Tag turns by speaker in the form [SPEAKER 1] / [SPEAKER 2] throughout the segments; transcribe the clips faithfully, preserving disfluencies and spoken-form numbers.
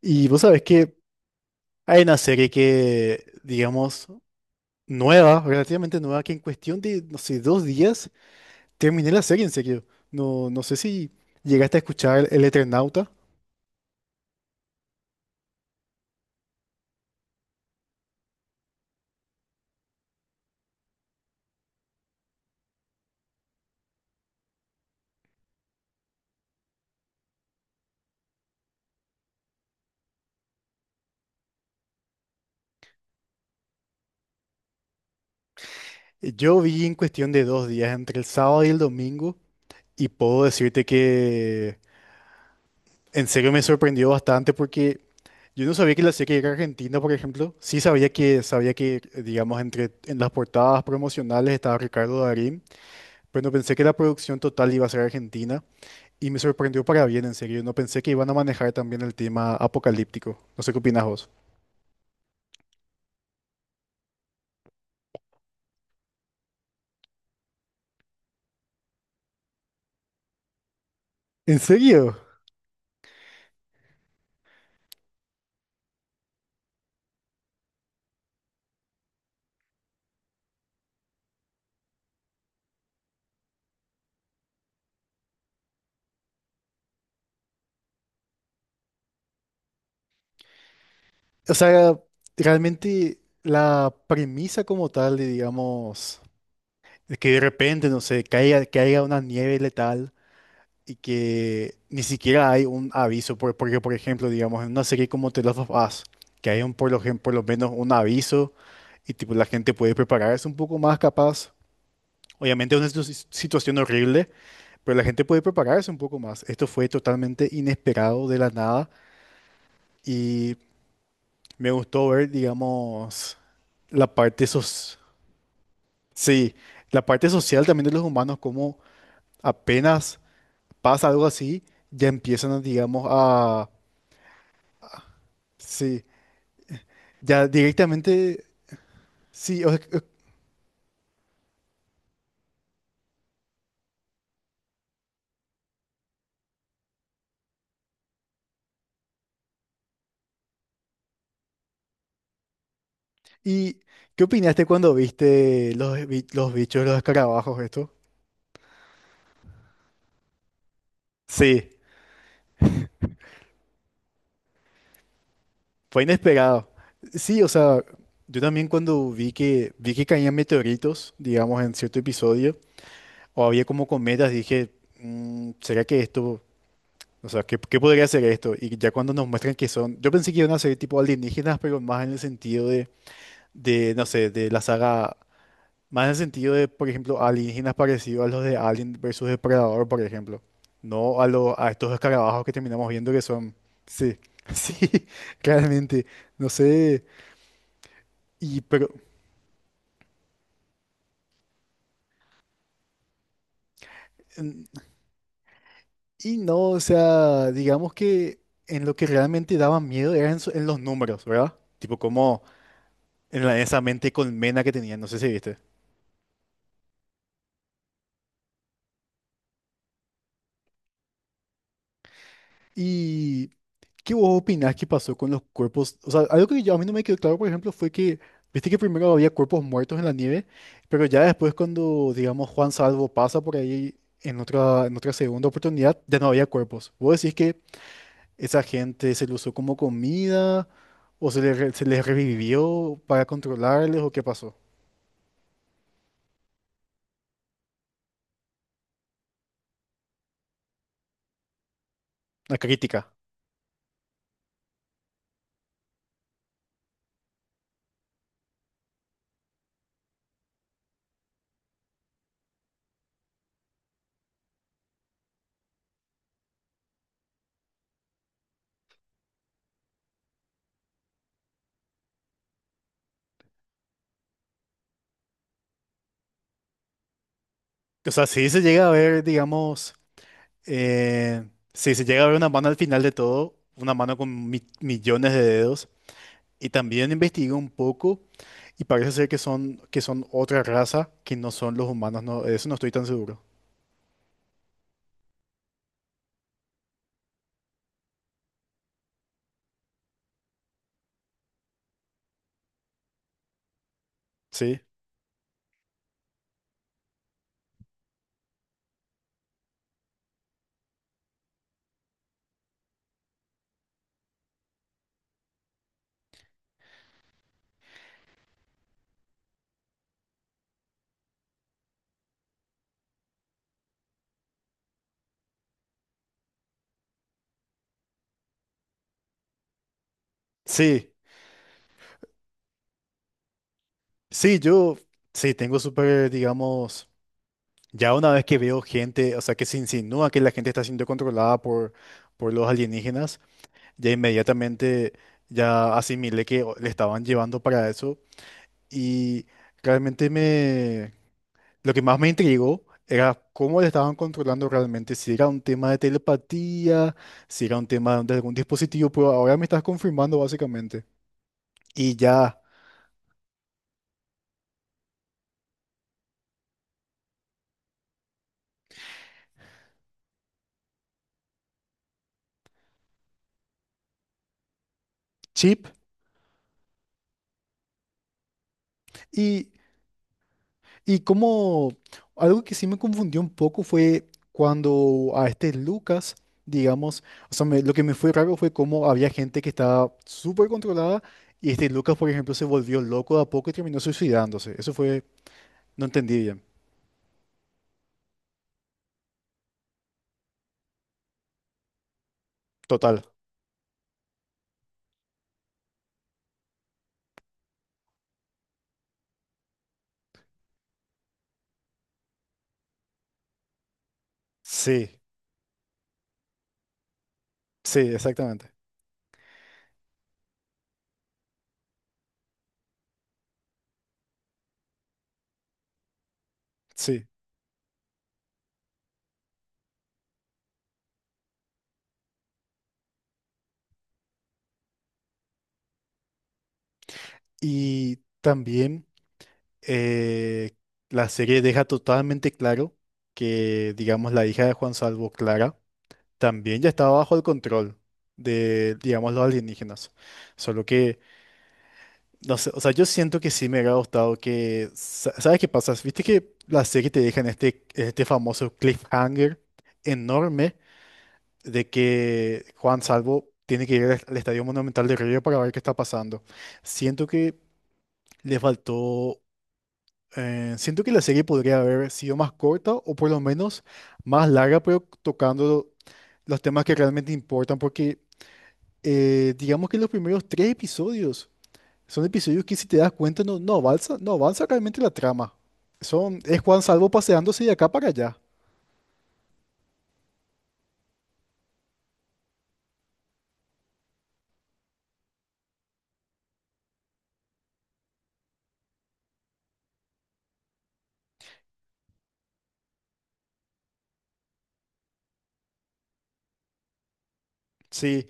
[SPEAKER 1] Y vos sabés que hay una serie que, digamos, nueva, relativamente nueva, que en cuestión de, no sé, dos días terminé la serie en serio. No, no sé si llegaste a escuchar El Eternauta. Eh, Yo vi en cuestión de dos días, entre el sábado y el domingo, y puedo decirte que en serio me sorprendió bastante porque yo no sabía que la serie era argentina, por ejemplo. Sí sabía que, sabía que, eh, digamos, entre, en las portadas promocionales estaba Ricardo Darín, pero no pensé que la producción total iba a ser argentina. Y me sorprendió para bien, en serio. No pensé que iban a manejar también el tema apocalíptico. No sé qué opinas vos. ¿En serio? O sea, realmente la premisa como tal, de, digamos, de que de repente, no sé, caiga, caiga una nieve letal y que ni siquiera hay un aviso. por- Porque, por ejemplo, digamos, en una serie como The Last of Us, que hay un, por lo, gen- por lo menos un aviso y tipo la gente puede prepararse un poco más capaz. Obviamente es una situ- situación horrible. Pero la gente puede prepararse un poco más. Esto fue totalmente inesperado de la nada y me gustó ver, digamos, la parte sos- sí, la parte social también de los humanos, como apenas pasa algo así, ya empiezan, a, digamos, a, sí, ya directamente, sí. o- o- ¿Y qué opinaste cuando viste los, bi- los bichos, los escarabajos, esto? Sí. Fue inesperado. Sí, o sea, yo también cuando vi que vi que caían meteoritos, digamos, en cierto episodio, o había como cometas, dije, "Mm, ¿será que esto, o sea, ¿qué, qué podría ser esto?" Y ya cuando nos muestran que son, yo pensé que iban a ser tipo alienígenas, pero más en el sentido de, de, no sé, de la saga, más en el sentido de, por ejemplo, alienígenas parecidos a los de Alien versus Depredador, por ejemplo. No a los, a estos escarabajos que terminamos viendo que son, sí, sí, claramente, no sé. Y, pero, en- y no, o sea, digamos que en lo que realmente daba miedo era en, su- en los números, ¿verdad? Tipo como en la- esa mente colmena que tenía, no sé si viste. ¿Y qué vos opinás que pasó con los cuerpos? O sea, algo que yo, a mí no me quedó claro, por ejemplo, fue que, viste que primero había cuerpos muertos en la nieve, pero ya después cuando, digamos, Juan Salvo pasa por ahí en otra, en otra segunda oportunidad, ya no había cuerpos. ¿Vos decís que esa gente se lo usó como comida? ¿O se les, re- se les revivió para controlarles o qué pasó? La crítica. O sea, si se llega a ver, digamos, eh, si se llega a ver una mano al final de todo, una mano con mi- millones de dedos, y también investigué un poco y parece ser que son, que son otra raza que no son los humanos, no, de eso no estoy tan seguro. Sí, sí, sí, yo, sí, tengo súper, digamos, ya una vez que veo gente, o sea, que se insinúa que la gente está siendo controlada por, por los alienígenas. Ya inmediatamente ya asimilé que o- le estaban llevando para eso y realmente me lo que más me intrigó era cómo le estaban controlando realmente, si era un tema de telepatía, si era un tema de algún dispositivo, pero ahora me estás confirmando básicamente. Y ya chip y. Y como algo que sí me confundió un poco fue cuando a este Lucas, digamos, o sea, me- lo que me fue raro fue cómo había gente que estaba súper controlada y este Lucas, por ejemplo, se volvió loco de a poco y terminó suicidándose. Eso fue, no entendí bien. Total. Sí, sí, exactamente. Sí. Y también eh, la serie deja totalmente claro que, digamos, la hija de Juan Salvo, Clara, también ya estaba bajo el control de, digamos, los alienígenas. Solo que, no sé, o sea, yo siento que sí me hubiera gustado que, sa- ¿sabes qué pasa? Viste que la serie te deja en este, este famoso cliffhanger enorme de que Juan Salvo tiene que ir al al Estadio Monumental de Río para ver qué está pasando. Siento que le faltó... eh, siento que la serie podría haber sido más corta o por lo menos más larga, pero tocando los temas que realmente importan, porque eh, digamos que los primeros tres episodios son episodios que si te das cuenta no, no avanza, no avanza realmente la trama. Son, es Juan Salvo paseándose de acá para allá. Sí,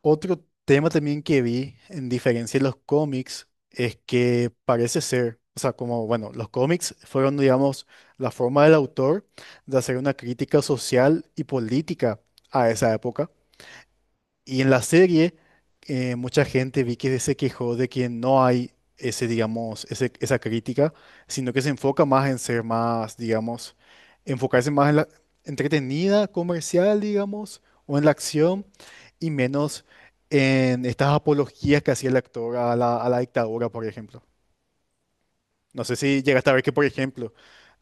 [SPEAKER 1] otro tema también que vi, en diferencia de los cómics, es que parece ser, o sea, como, bueno, los cómics fueron, digamos, la forma del autor de hacer una crítica social y política a esa época. Y en la serie, eh, mucha gente vi que se quejó de que no hay ese, digamos, ese- esa crítica, sino que se enfoca más en ser más, digamos, enfocarse más en la entretenida, comercial, digamos, o en la acción, y menos en estas apologías que hacía el actor a la, a la dictadura, por ejemplo. No sé si llegaste a ver que, por ejemplo,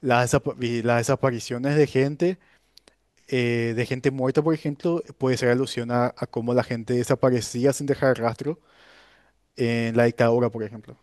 [SPEAKER 1] las, desap- vi las desapariciones de gente, eh, de gente muerta, por ejemplo, puede ser alusión a, a cómo la gente desaparecía sin dejar rastro en la dictadura, por ejemplo.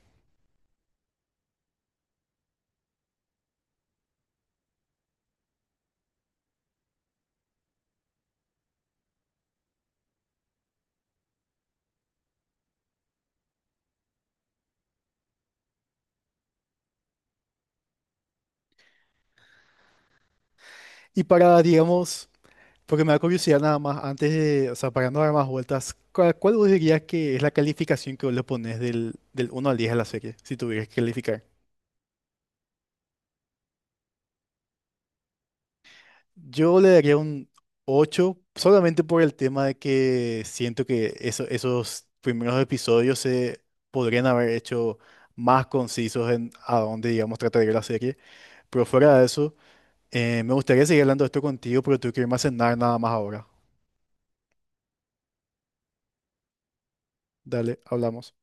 [SPEAKER 1] Y para, digamos, porque me da curiosidad nada más, antes de, o sea, para no dar más vueltas, ¿cuál, cuál vos dirías que es la calificación que vos le pones del, del uno al diez a la serie, si tuvieras que calificar? Yo le daría un ocho solamente por el tema de que siento que eso- esos primeros episodios se podrían haber hecho más concisos en a dónde, digamos, trataría la serie. Pero fuera de eso, eh, me gustaría seguir hablando de esto contigo, pero tengo que irme a cenar nada más ahora. Dale, hablamos.